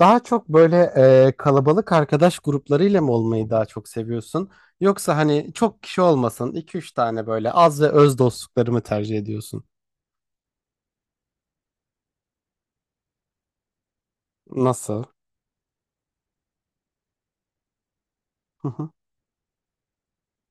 Daha çok böyle kalabalık arkadaş gruplarıyla mı olmayı daha çok seviyorsun? Yoksa hani çok kişi olmasın iki üç tane böyle az ve öz dostlukları mı tercih ediyorsun? Nasıl? Hı hı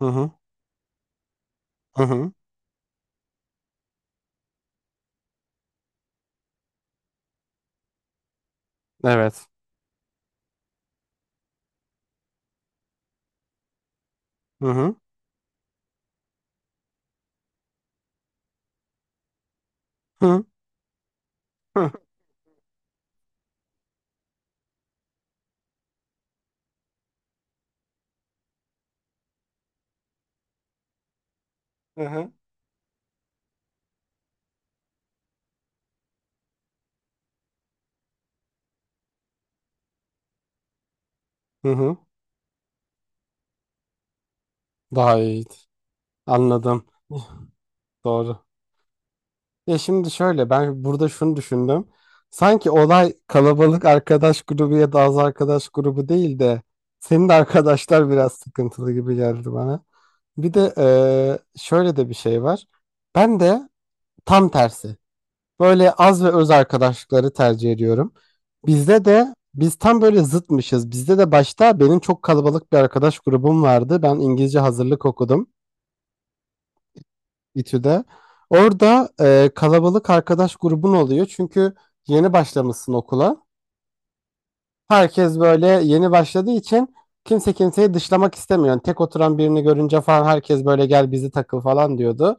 hı hı hı hı. Evet. Hı hı hı hı hı hı. Hı. Hı. Daha iyi. Anladım. Doğru. Ya şimdi şöyle ben burada şunu düşündüm. Sanki olay kalabalık arkadaş grubu ya da az arkadaş grubu değil de senin de arkadaşlar biraz sıkıntılı gibi geldi bana. Bir de şöyle de bir şey var. Ben de tam tersi. Böyle az ve öz arkadaşlıkları tercih ediyorum. Bizde de biz tam böyle zıtmışız. Bizde de başta benim çok kalabalık bir arkadaş grubum vardı. Ben İngilizce hazırlık okudum. İTÜ'de. Orada kalabalık arkadaş grubun oluyor. Çünkü yeni başlamışsın okula. Herkes böyle yeni başladığı için kimse kimseyi dışlamak istemiyor. Yani tek oturan birini görünce falan herkes böyle gel bizi takıl falan diyordu.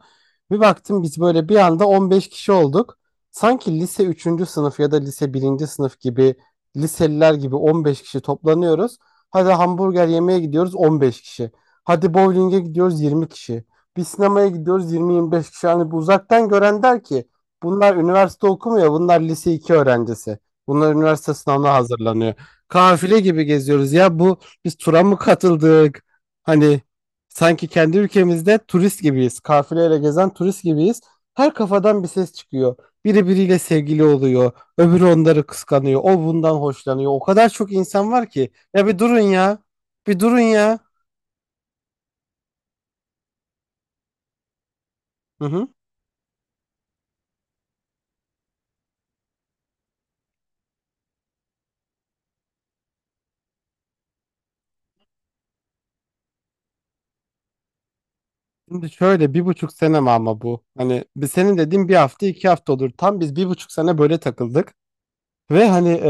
Bir baktım biz böyle bir anda 15 kişi olduk. Sanki lise üçüncü sınıf ya da lise birinci sınıf gibi liseliler gibi 15 kişi toplanıyoruz. Hadi hamburger yemeye gidiyoruz 15 kişi. Hadi bowling'e gidiyoruz 20 kişi. Bir sinemaya gidiyoruz 20-25 kişi. Yani bu uzaktan gören der ki bunlar üniversite okumuyor bunlar lise 2 öğrencisi. Bunlar üniversite sınavına hazırlanıyor. Kafile gibi geziyoruz. Ya bu biz tura mı katıldık? Hani sanki kendi ülkemizde turist gibiyiz. Kafileyle gezen turist gibiyiz. Her kafadan bir ses çıkıyor. Biri biriyle sevgili oluyor. Öbürü onları kıskanıyor. O bundan hoşlanıyor. O kadar çok insan var ki. Ya bir durun ya. Bir durun ya. Hı hı. Şimdi şöyle 1,5 sene mi ama bu? Hani bir senin dediğin bir hafta iki hafta olur. Tam biz 1,5 sene böyle takıldık. Ve hani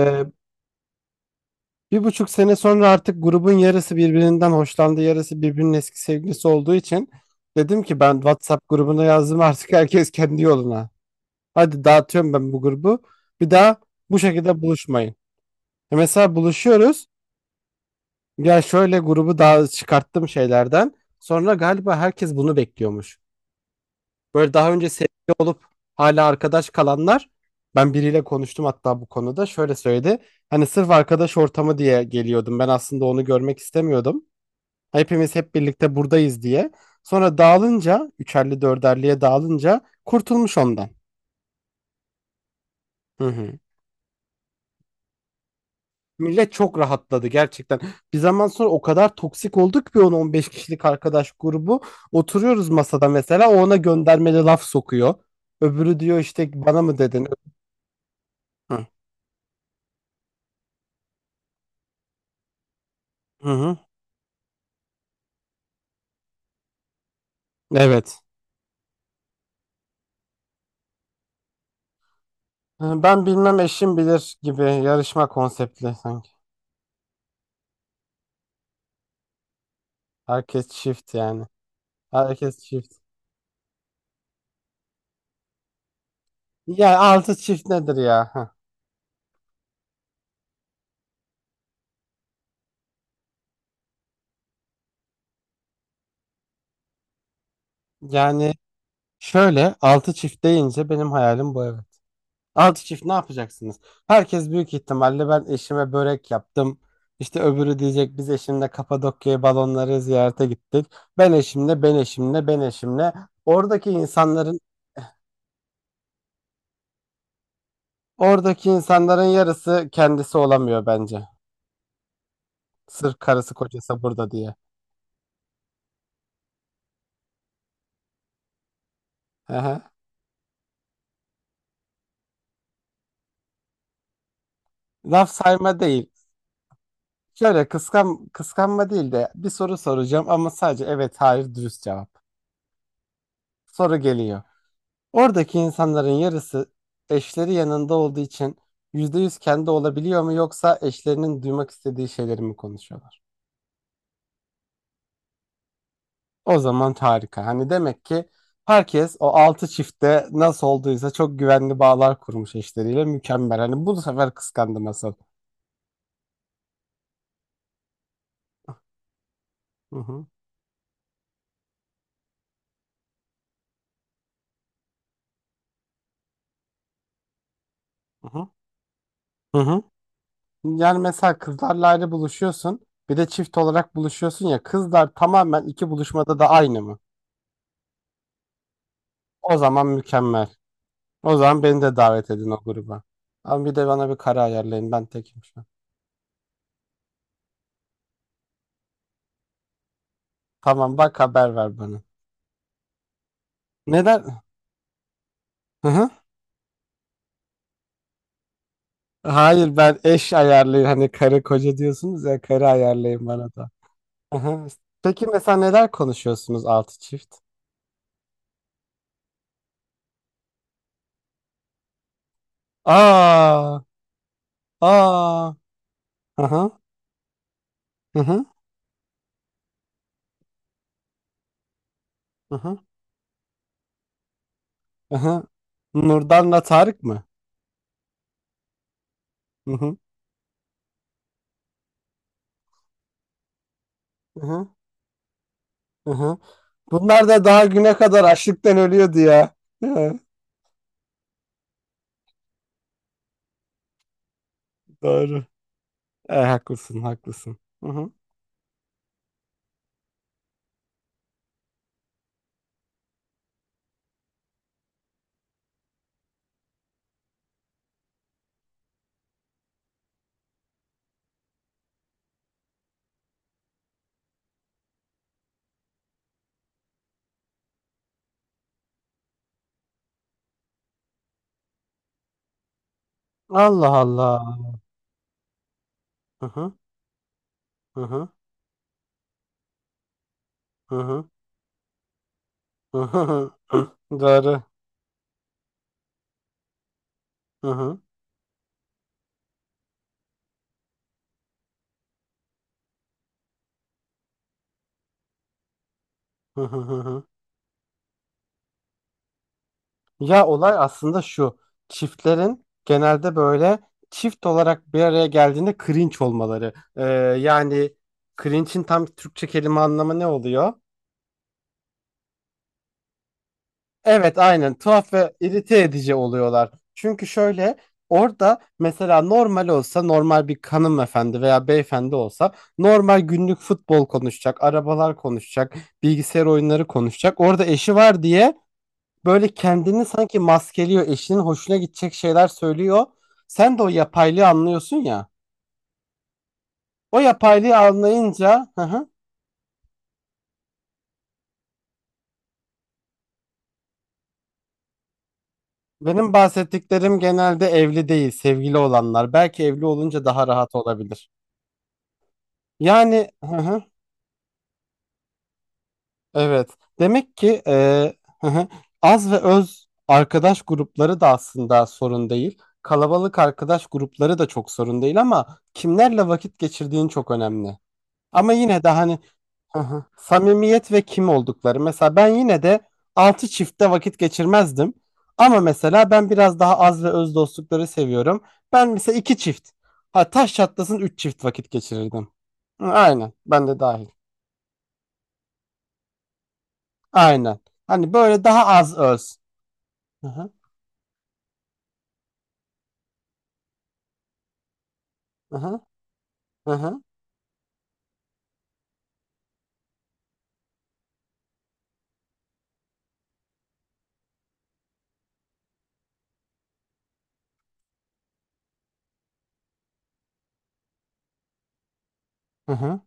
1,5 sene sonra artık grubun yarısı birbirinden hoşlandı, yarısı birbirinin eski sevgilisi olduğu için dedim ki ben WhatsApp grubuna yazdım artık herkes kendi yoluna. Hadi dağıtıyorum ben bu grubu. Bir daha bu şekilde buluşmayın. E mesela buluşuyoruz. Ya şöyle grubu daha çıkarttım şeylerden. Sonra galiba herkes bunu bekliyormuş. Böyle daha önce sevgili olup hala arkadaş kalanlar ben biriyle konuştum hatta bu konuda şöyle söyledi. Hani sırf arkadaş ortamı diye geliyordum. Ben aslında onu görmek istemiyordum. Hepimiz hep birlikte buradayız diye. Sonra dağılınca, üçerli dörderliye dağılınca kurtulmuş ondan. Hı hı. Millet çok rahatladı gerçekten. Bir zaman sonra o kadar toksik olduk bir 10-15 kişilik arkadaş grubu. Oturuyoruz masada mesela o ona göndermeli laf sokuyor. Öbürü diyor işte bana mı dedin? Hı hı. Hı. Evet. Hı, ben bilmem eşim bilir gibi yarışma konseptli sanki. Herkes çift yani. Herkes çift. Ya altı çift nedir ya? Heh. Yani şöyle 6 çift deyince benim hayalim bu evet. 6 çift ne yapacaksınız? Herkes büyük ihtimalle ben eşime börek yaptım. İşte öbürü diyecek biz eşimle Kapadokya'ya balonları ziyarete gittik. Ben eşimle, ben eşimle, ben eşimle. Oradaki insanların oradaki insanların yarısı kendisi olamıyor bence. Sırf karısı kocası burada diye. Ehe. Laf sayma değil. Şöyle kıskanma değil de bir soru soracağım ama sadece evet hayır dürüst cevap. Soru geliyor. Oradaki insanların yarısı eşleri yanında olduğu için %100 kendi olabiliyor mu yoksa eşlerinin duymak istediği şeyleri mi konuşuyorlar? O zaman harika. Hani demek ki herkes o altı çiftte nasıl olduysa çok güvenli bağlar kurmuş eşleriyle mükemmel. Hani bu sefer kıskandım asıl. Hı hı, hı hı, hı hı. Yani mesela kızlarla ayrı buluşuyorsun. Bir de çift olarak buluşuyorsun ya kızlar tamamen iki buluşmada da aynı mı? O zaman mükemmel. O zaman beni de davet edin o gruba. Ama bir de bana bir kare ayarlayın. Ben tekim şu an. Tamam bak haber ver bana. Neden? Hı hı. Hayır ben eş ayarlayayım. Hani karı koca diyorsunuz ya karı ayarlayın bana da. Hı hı. Peki mesela neler konuşuyorsunuz altı çift? Aa, aa. Hı hı. Hı hı. Hı hı. Hı hı. Nurdan'la Tarık mı? Hı hı. Hı hı. Hı hı. Bunlar da daha güne kadar açlıktan ölüyordu ya. Hı, doğru. E, haklısın, haklısın. Hı hı. Allah Allah. Hı hı hı hı hı hı hı hı hı. Doğru. Hı hı hı hı hı hı. Ya olay aslında şu. Çiftlerin genelde böyle çift olarak bir araya geldiğinde cringe olmaları. Yani cringe'in tam Türkçe kelime anlamı ne oluyor? Evet aynen tuhaf ve irite edici oluyorlar. Çünkü şöyle orada mesela normal olsa normal bir hanımefendi veya beyefendi olsa normal günlük futbol konuşacak, arabalar konuşacak, bilgisayar oyunları konuşacak. Orada eşi var diye böyle kendini sanki maskeliyor, eşinin hoşuna gidecek şeyler söylüyor. Sen de o yapaylığı anlıyorsun ya. O yapaylığı anlayınca hı hı, benim bahsettiklerim genelde evli değil, sevgili olanlar. Belki evli olunca daha rahat olabilir. Yani hı hı. Evet. Demek ki az ve öz arkadaş grupları da aslında sorun değil. Kalabalık arkadaş grupları da çok sorun değil ama kimlerle vakit geçirdiğin çok önemli. Ama yine de hani samimiyet ve kim oldukları. Mesela ben yine de altı çiftte vakit geçirmezdim. Ama mesela ben biraz daha az ve öz dostlukları seviyorum. Ben mesela iki çift. Ha taş çatlasın üç çift vakit geçirirdim. Hı, aynen. Ben de dahil. Aynen. Hani böyle daha az öz. Aha, aha, aha, aha,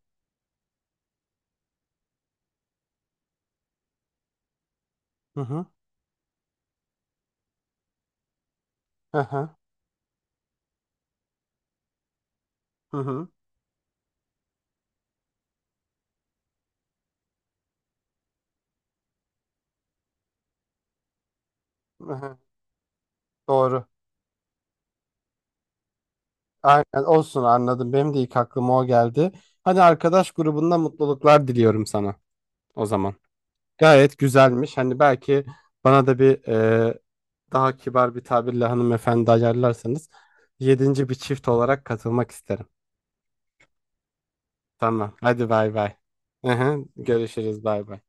aha, aha, aha, aha. Doğru. Aynen olsun anladım. Benim de ilk aklıma o geldi. Hadi arkadaş grubunda mutluluklar diliyorum sana o zaman. Gayet güzelmiş. Hani belki bana da bir daha kibar bir tabirle hanımefendi ayarlarsanız yedinci bir çift olarak katılmak isterim. Tamam. Hadi bay bay. Aha, görüşürüz bay bay.